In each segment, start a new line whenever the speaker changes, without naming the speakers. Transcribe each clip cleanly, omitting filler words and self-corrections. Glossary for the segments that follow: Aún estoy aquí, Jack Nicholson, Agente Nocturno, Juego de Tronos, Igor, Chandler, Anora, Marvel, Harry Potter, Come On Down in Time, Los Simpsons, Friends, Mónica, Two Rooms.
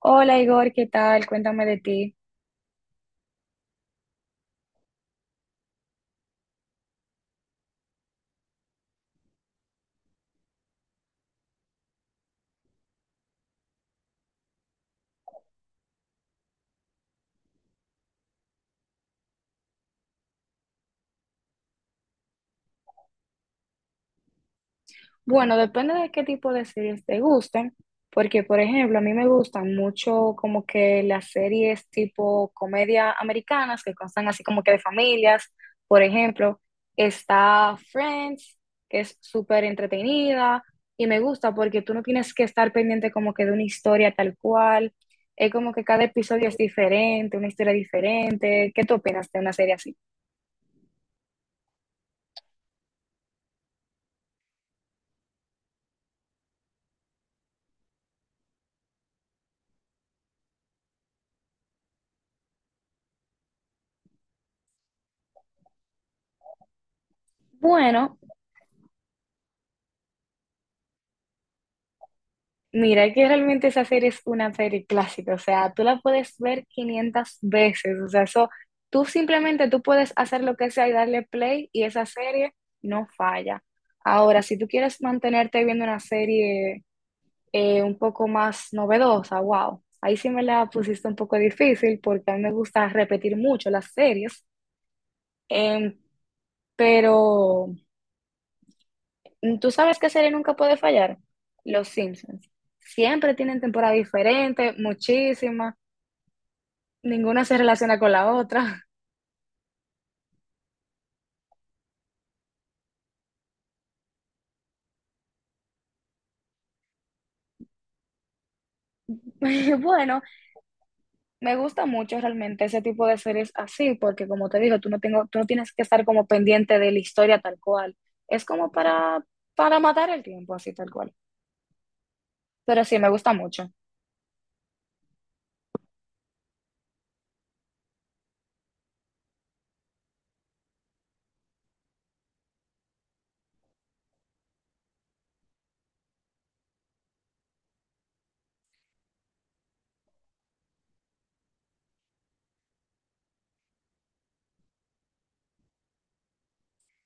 Hola Igor, ¿qué tal? Cuéntame de ti. Bueno, depende de qué tipo de series te gusten, porque por ejemplo, a mí me gustan mucho como que las series tipo comedia americanas que constan así como que de familias. Por ejemplo, está Friends, que es súper entretenida y me gusta porque tú no tienes que estar pendiente como que de una historia tal cual. Es como que cada episodio es diferente, una historia diferente. ¿Qué tú opinas de una serie así? Bueno, mira, que realmente esa serie es una serie clásica, o sea, tú la puedes ver 500 veces, o sea, eso, tú simplemente tú puedes hacer lo que sea y darle play y esa serie no falla. Ahora, si tú quieres mantenerte viendo una serie un poco más novedosa, wow, ahí sí me la pusiste un poco difícil porque a mí me gusta repetir mucho las series. Em, pero tú sabes qué serie nunca puede fallar, Los Simpsons. Siempre tienen temporada diferente, muchísimas. Ninguna se relaciona con la otra. Y bueno, me gusta mucho realmente ese tipo de series así, porque como te digo, tú no tienes que estar como pendiente de la historia tal cual. Es como para, para matar el tiempo así tal cual. Pero sí, me gusta mucho.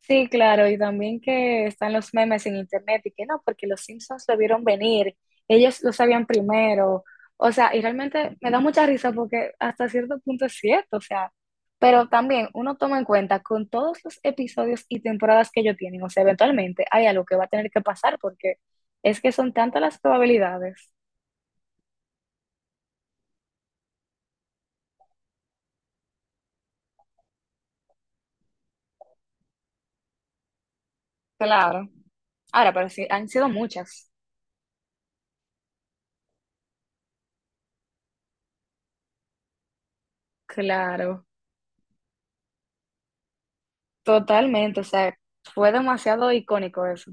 Sí, claro, y también que están los memes en internet y que no, porque los Simpsons lo vieron venir, ellos lo sabían primero, o sea, y realmente me da mucha risa porque hasta cierto punto es cierto, o sea, pero también uno toma en cuenta con todos los episodios y temporadas que ellos tienen, o sea, eventualmente hay algo que va a tener que pasar porque es que son tantas las probabilidades. Claro, ahora, pero sí, han sido muchas. Claro, totalmente, o sea, fue demasiado icónico eso.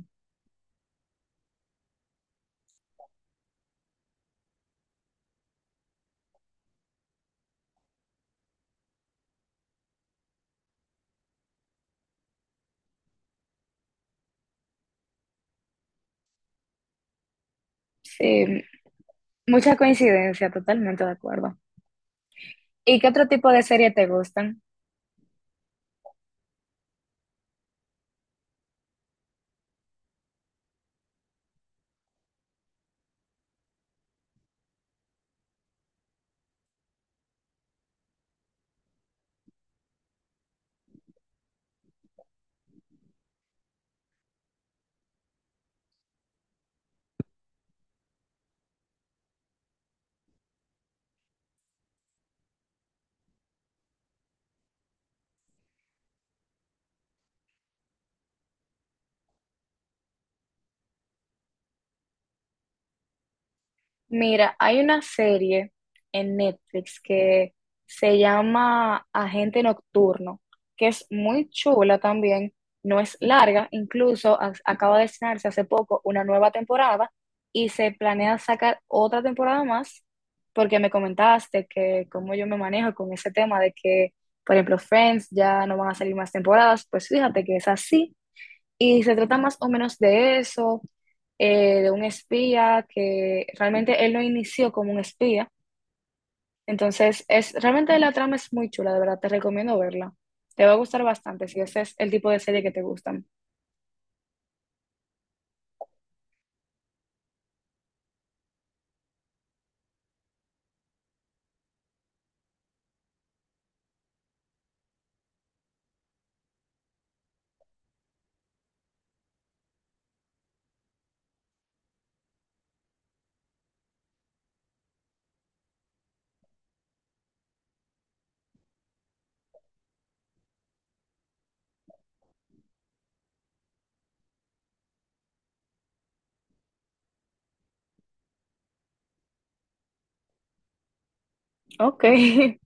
Sí, mucha coincidencia, totalmente de acuerdo. ¿Y qué otro tipo de serie te gustan? Mira, hay una serie en Netflix que se llama Agente Nocturno, que es muy chula también, no es larga, incluso acaba de estrenarse hace poco una nueva temporada y se planea sacar otra temporada más, porque me comentaste que cómo yo me manejo con ese tema de que, por ejemplo, Friends ya no van a salir más temporadas, pues fíjate que es así y se trata más o menos de eso, de un espía que realmente él lo inició como un espía. Entonces, es realmente la trama es muy chula, de verdad, te recomiendo verla. Te va a gustar bastante si ese es el tipo de serie que te gustan. Ok.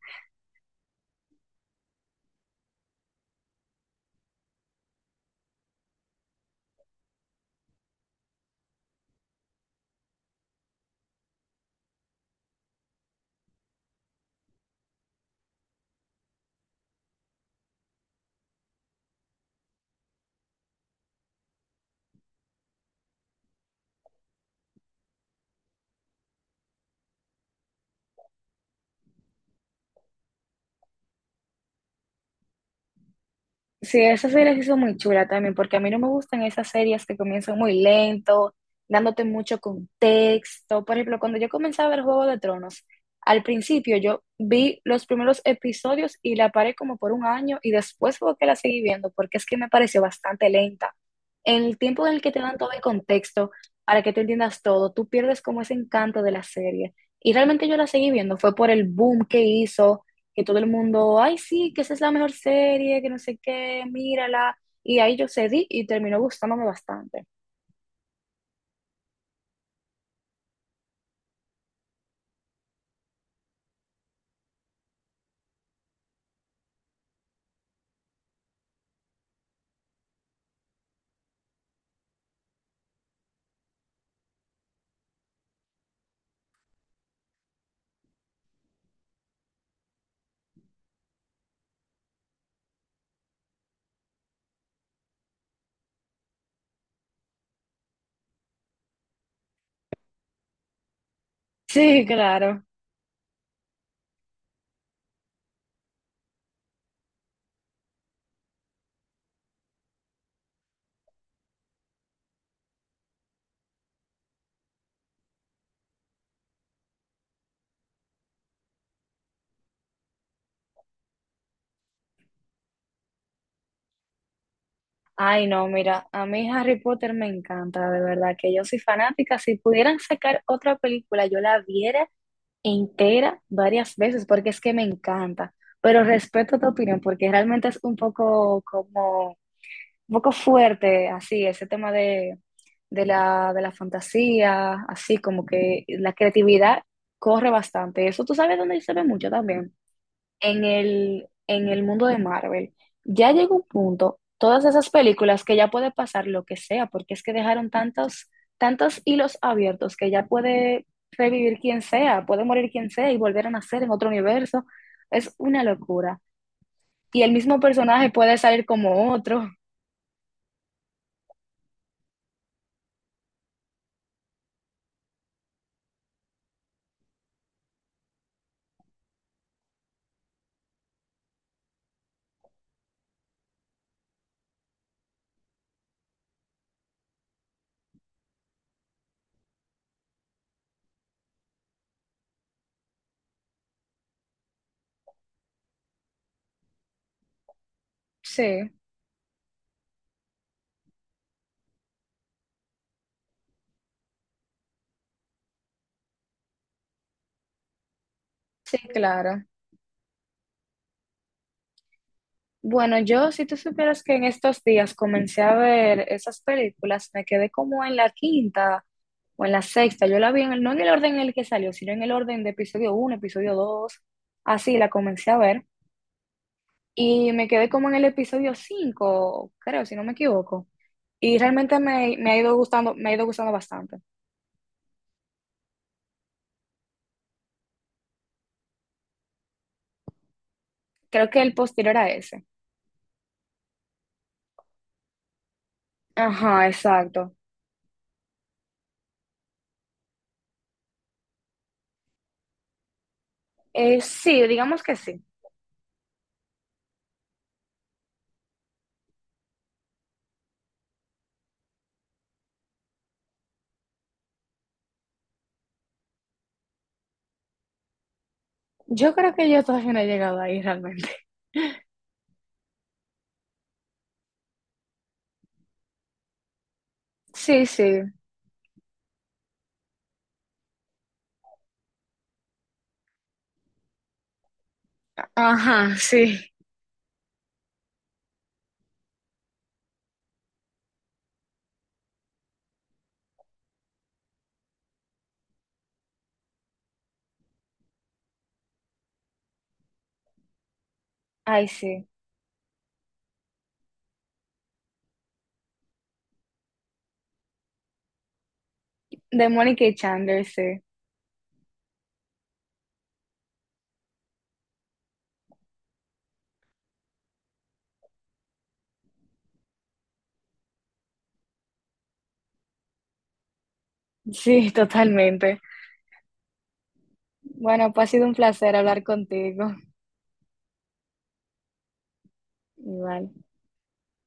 Sí, esa serie se hizo muy chula también, porque a mí no me gustan esas series que comienzan muy lento, dándote mucho contexto. Por ejemplo, cuando yo comencé a ver Juego de Tronos, al principio yo vi los primeros episodios y la paré como por un año y después fue que la seguí viendo, porque es que me pareció bastante lenta. En el tiempo en el que te dan todo el contexto para que tú entiendas todo, tú pierdes como ese encanto de la serie. Y realmente yo la seguí viendo, fue por el boom que hizo que todo el mundo, ay, sí, que esa es la mejor serie, que no sé qué, mírala. Y ahí yo cedí y terminó gustándome bastante. Sí, claro. Ay, no, mira, a mí Harry Potter me encanta, de verdad, que yo soy fanática. Si pudieran sacar otra película, yo la viera entera varias veces, porque es que me encanta. Pero respeto tu opinión, porque realmente es un poco como un poco fuerte, así, ese tema de, de la fantasía, así como que la creatividad corre bastante. Eso tú sabes dónde se ve mucho también, en el mundo de Marvel. Ya llegó un punto, todas esas películas que ya puede pasar lo que sea, porque es que dejaron tantos, tantos hilos abiertos que ya puede revivir quien sea, puede morir quien sea y volver a nacer en otro universo. Es una locura. Y el mismo personaje puede salir como otro. Sí. Sí, claro. Bueno, yo, si tú supieras que en estos días comencé a ver esas películas, me quedé como en la quinta o en la sexta. Yo la vi en el, no en el orden en el que salió, sino en el orden de episodio uno, episodio dos. Así la comencé a ver. Y me quedé como en el episodio 5, creo, si no me equivoco. Y realmente me ha ido gustando, me ha ido gustando bastante. Creo que el posterior a ese. Ajá, exacto. Sí, digamos que sí. Yo creo que yo todavía no he llegado ahí realmente. Sí, sí. Ajá, sí. Ay, sí. De Mónica y Chandler, sí. Sí, totalmente. Bueno, pues ha sido un placer hablar contigo. Igual.